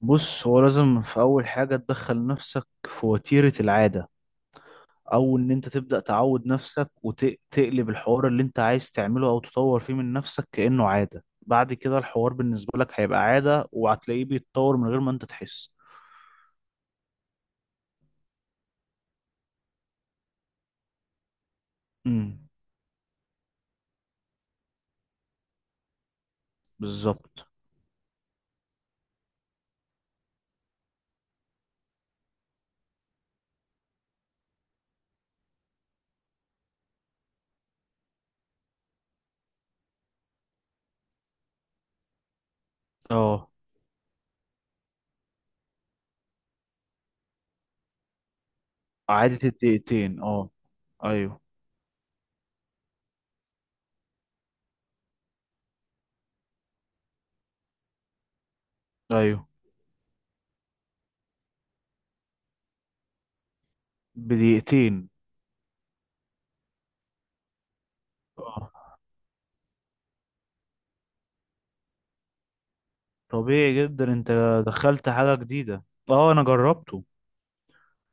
بص، هو لازم في أول حاجة تدخل نفسك في وتيرة العادة، أو إن أنت تبدأ تعود نفسك وتقلب الحوار اللي أنت عايز تعمله أو تطور فيه من نفسك كأنه عادة. بعد كده الحوار بالنسبة لك هيبقى عادة وهتلاقيه بيتطور من غير ما أنت تحس. امم. بالظبط. اه، عادة الدقيقتين، اه. أيوه. أيوه، بدقيقتين. اه، طبيعي جدا. أنت دخلت حاجة جديدة. اه، أنا جربته.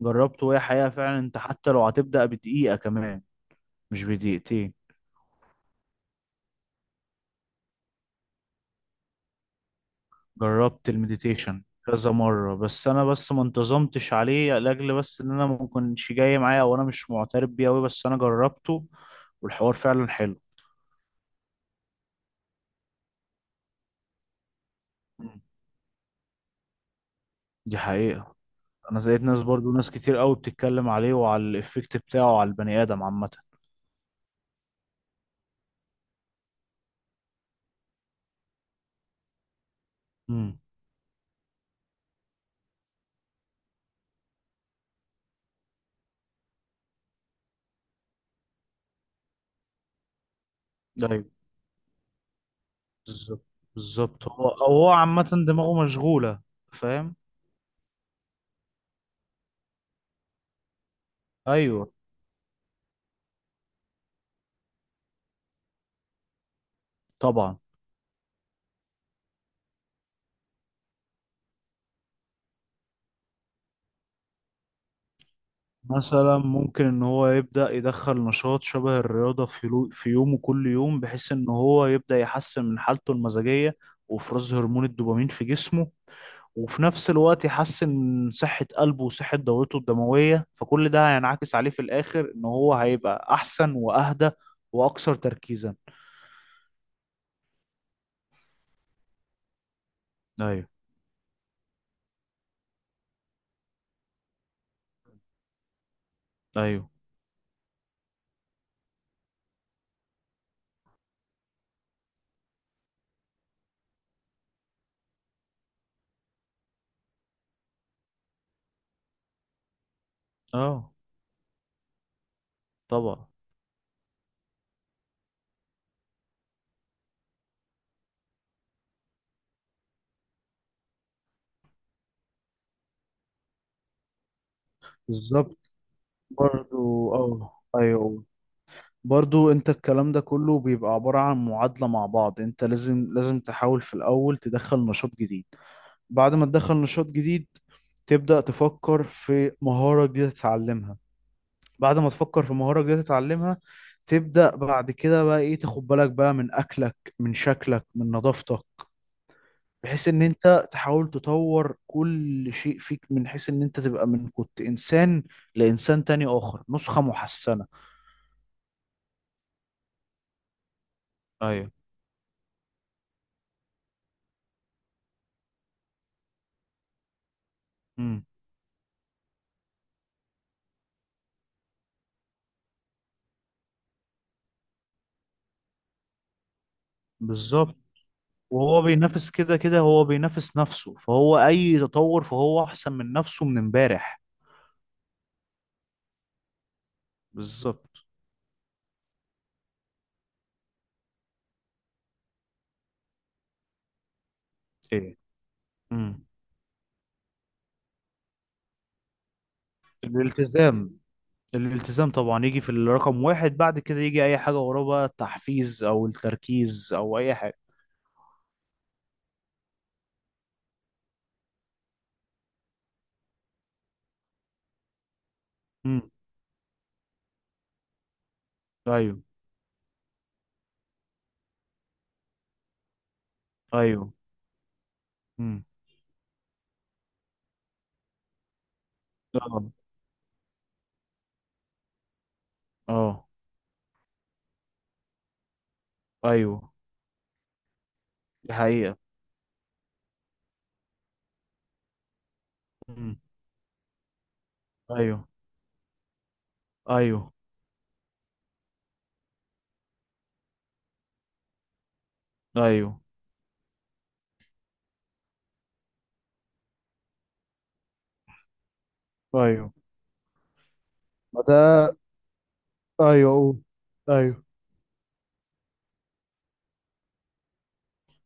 جربته، وهي حقيقة فعلا. أنت حتى لو هتبدأ بدقيقة كمان، مش بدقيقتين. جربت المديتيشن كذا مرة، بس أنا بس ما انتظمتش عليه، لأجل بس إن أنا ما كنتش جاي معايا، أو أنا مش معترف بيه أوي، بس أنا جربته، والحوار فعلا حلو. مم. دي حقيقة. أنا لقيت ناس برضو ناس كتير أوي بتتكلم عليه، وعلى الإفكت بتاعه على البني آدم عامة. امم. أيوه. بالظبط. بالظبط، هو هو عامة دماغه مشغولة. فاهم. أيوه. طبعا. مثلا ممكن ان هو يبدأ يدخل نشاط شبه الرياضة في يومه كل يوم، بحيث ان هو يبدأ يحسن من حالته المزاجية وافراز هرمون الدوبامين في جسمه، وفي نفس الوقت يحسن من صحة قلبه وصحة دورته الدموية. فكل ده هينعكس عليه في الآخر، ان هو هيبقى احسن واهدى واكثر تركيزا. ايوه. ايوه. اه، طبعا. بالظبط. برضو اه. ايوه. برضو انت الكلام ده كله بيبقى عبارة عن معادلة مع بعض. انت لازم تحاول في الأول تدخل نشاط جديد. بعد ما تدخل نشاط جديد، تبدأ تفكر في مهارة جديدة تتعلمها. بعد ما تفكر في مهارة جديدة تتعلمها، تبدأ بعد كده بقى ايه، تاخد بالك بقى من أكلك، من شكلك، من نظافتك. بحيث ان انت تحاول تطور كل شيء فيك، من حيث ان انت تبقى من كنت انسان لانسان تاني، اخر نسخة محسنة. ايوه. امم. بالظبط. وهو بينافس كده كده، هو بينافس نفسه. فهو اي تطور، فهو احسن من نفسه من امبارح. بالظبط. ايه. امم. الالتزام. الالتزام طبعا يجي في الرقم واحد. بعد كده يجي اي حاجة وراه، بقى التحفيز او التركيز او اي حاجة. امم. ايوه. ايوه. امم. اه. اه. ايوه. دي حقيقة. امم. ايوه. ايوه. ايوه. ايوه. ما ده. ايوه، أوه. أيوه.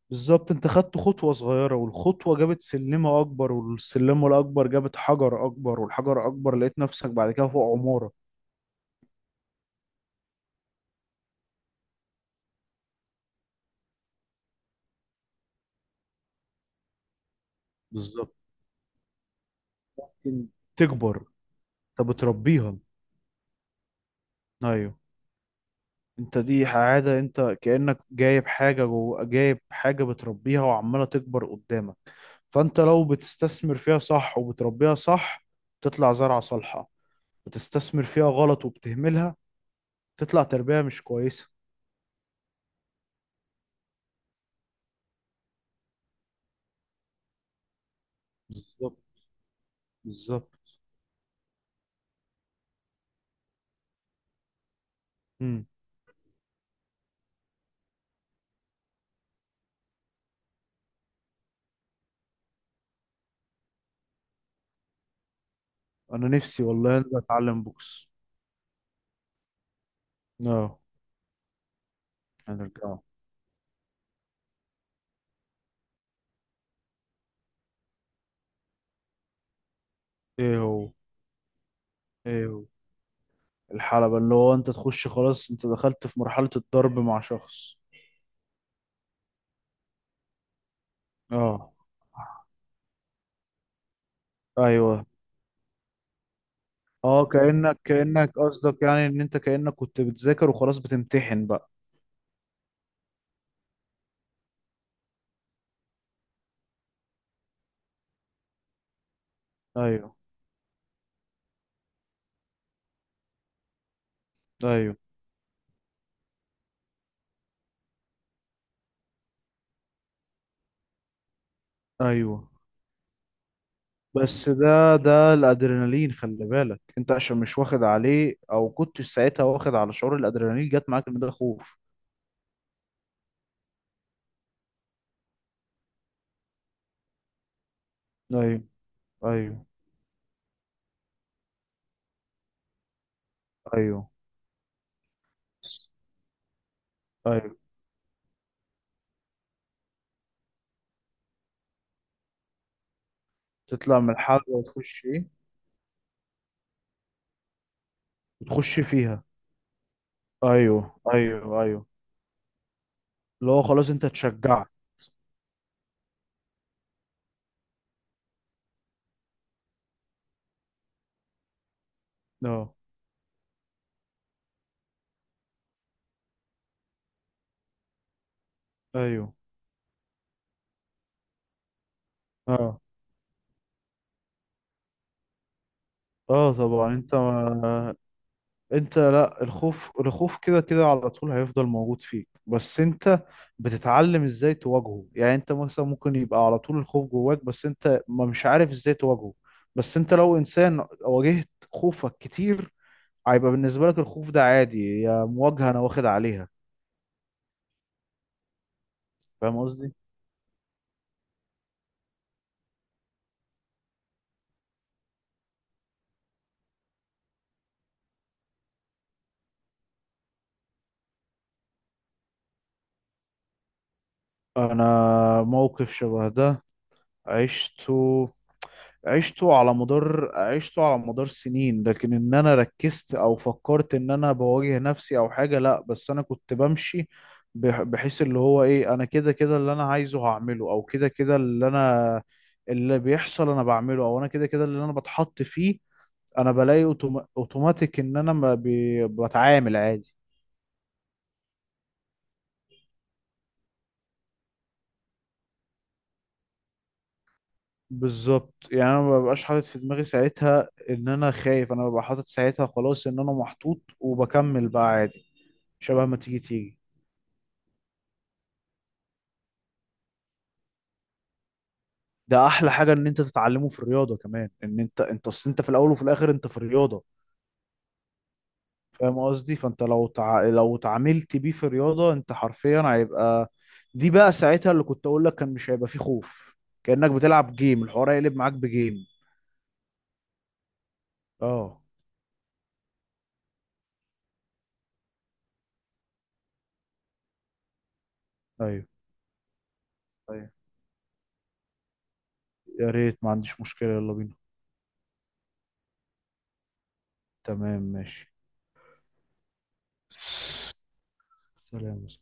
بالظبط، انت خدت خطوة صغيرة، والخطوة جابت سلمة أكبر، والسلمة الأكبر جابت حجر أكبر، والحجر أكبر لقيت نفسك بعد كده فوق عمارة. بالظبط. تكبر. انت بتربيها. أيوه. انت دي عادة، انت كأنك جايب حاجة جوه، جايب حاجة بتربيها وعمالة تكبر قدامك. فانت لو بتستثمر فيها صح وبتربيها صح، تطلع زرعة صالحة. بتستثمر فيها غلط وبتهملها، تطلع تربية مش كويسة. بالظبط. بالظبط. انا نفسي والله انزل اتعلم بوكس. اه، هنرجعه. ايه هو؟ ايه هو؟ الحلبة، اللي هو انت تخش خلاص، انت دخلت في مرحلة الضرب مع شخص. اه. ايوه. اه، كأنك قصدك يعني ان انت كأنك كنت بتذاكر وخلاص، بتمتحن بقى. ايوه. ايوه. ايوه. بس ده الادرينالين، خلي بالك انت، عشان مش واخد عليه، او كنت ساعتها واخد على شعور الادرينالين، جت معاك ان ده خوف. ايوه. ايوه. ايوه. ايوه. تطلع من الحلبة وتخش ايه؟ وتخش فيها. ايوه. ايوه. ايوه. اللي هو خلاص انت اتشجعت. اه. ايوه. اه. اه، طبعا. انت لا، الخوف الخوف كده كده على طول هيفضل موجود فيك، بس انت بتتعلم ازاي تواجهه. يعني انت مثلا ممكن يبقى على طول الخوف جواك، بس انت ما مش عارف ازاي تواجهه. بس انت لو انسان واجهت خوفك كتير، هيبقى بالنسبة لك الخوف ده عادي، يا مواجهة انا واخد عليها. فاهم قصدي. انا موقف شبه ده عشته عشته على مدار سنين. لكن ان انا ركزت او فكرت ان انا بواجه نفسي او حاجة، لا، بس انا كنت بمشي. بحيث اللي هو ايه، انا كده كده اللي انا عايزه هعمله، او كده كده اللي بيحصل انا بعمله، او انا كده كده اللي انا بتحط فيه. انا بلاقي اوتوماتيك ان انا ما بي- بتعامل عادي. بالظبط، يعني انا ما ببقاش حاطط في دماغي ساعتها ان انا خايف. انا ببقى حاطط ساعتها خلاص ان انا محطوط، وبكمل بقى عادي. شبه ما تيجي تيجي. ده احلى حاجة ان انت تتعلمه في الرياضة كمان، ان انت اصل، انت في الاول وفي الاخر انت في الرياضة. فاهم قصدي. فانت لو لو اتعاملت بيه في الرياضة، انت حرفيا هيبقى. دي بقى ساعتها اللي كنت اقول لك، كان مش هيبقى فيه خوف. كأنك بتلعب جيم، الحوار هيقلب معاك بجيم. اه. ايوه. ايوه. يا ريت، ما عنديش مشكلة، يلا بينا. تمام. ماشي. سلام.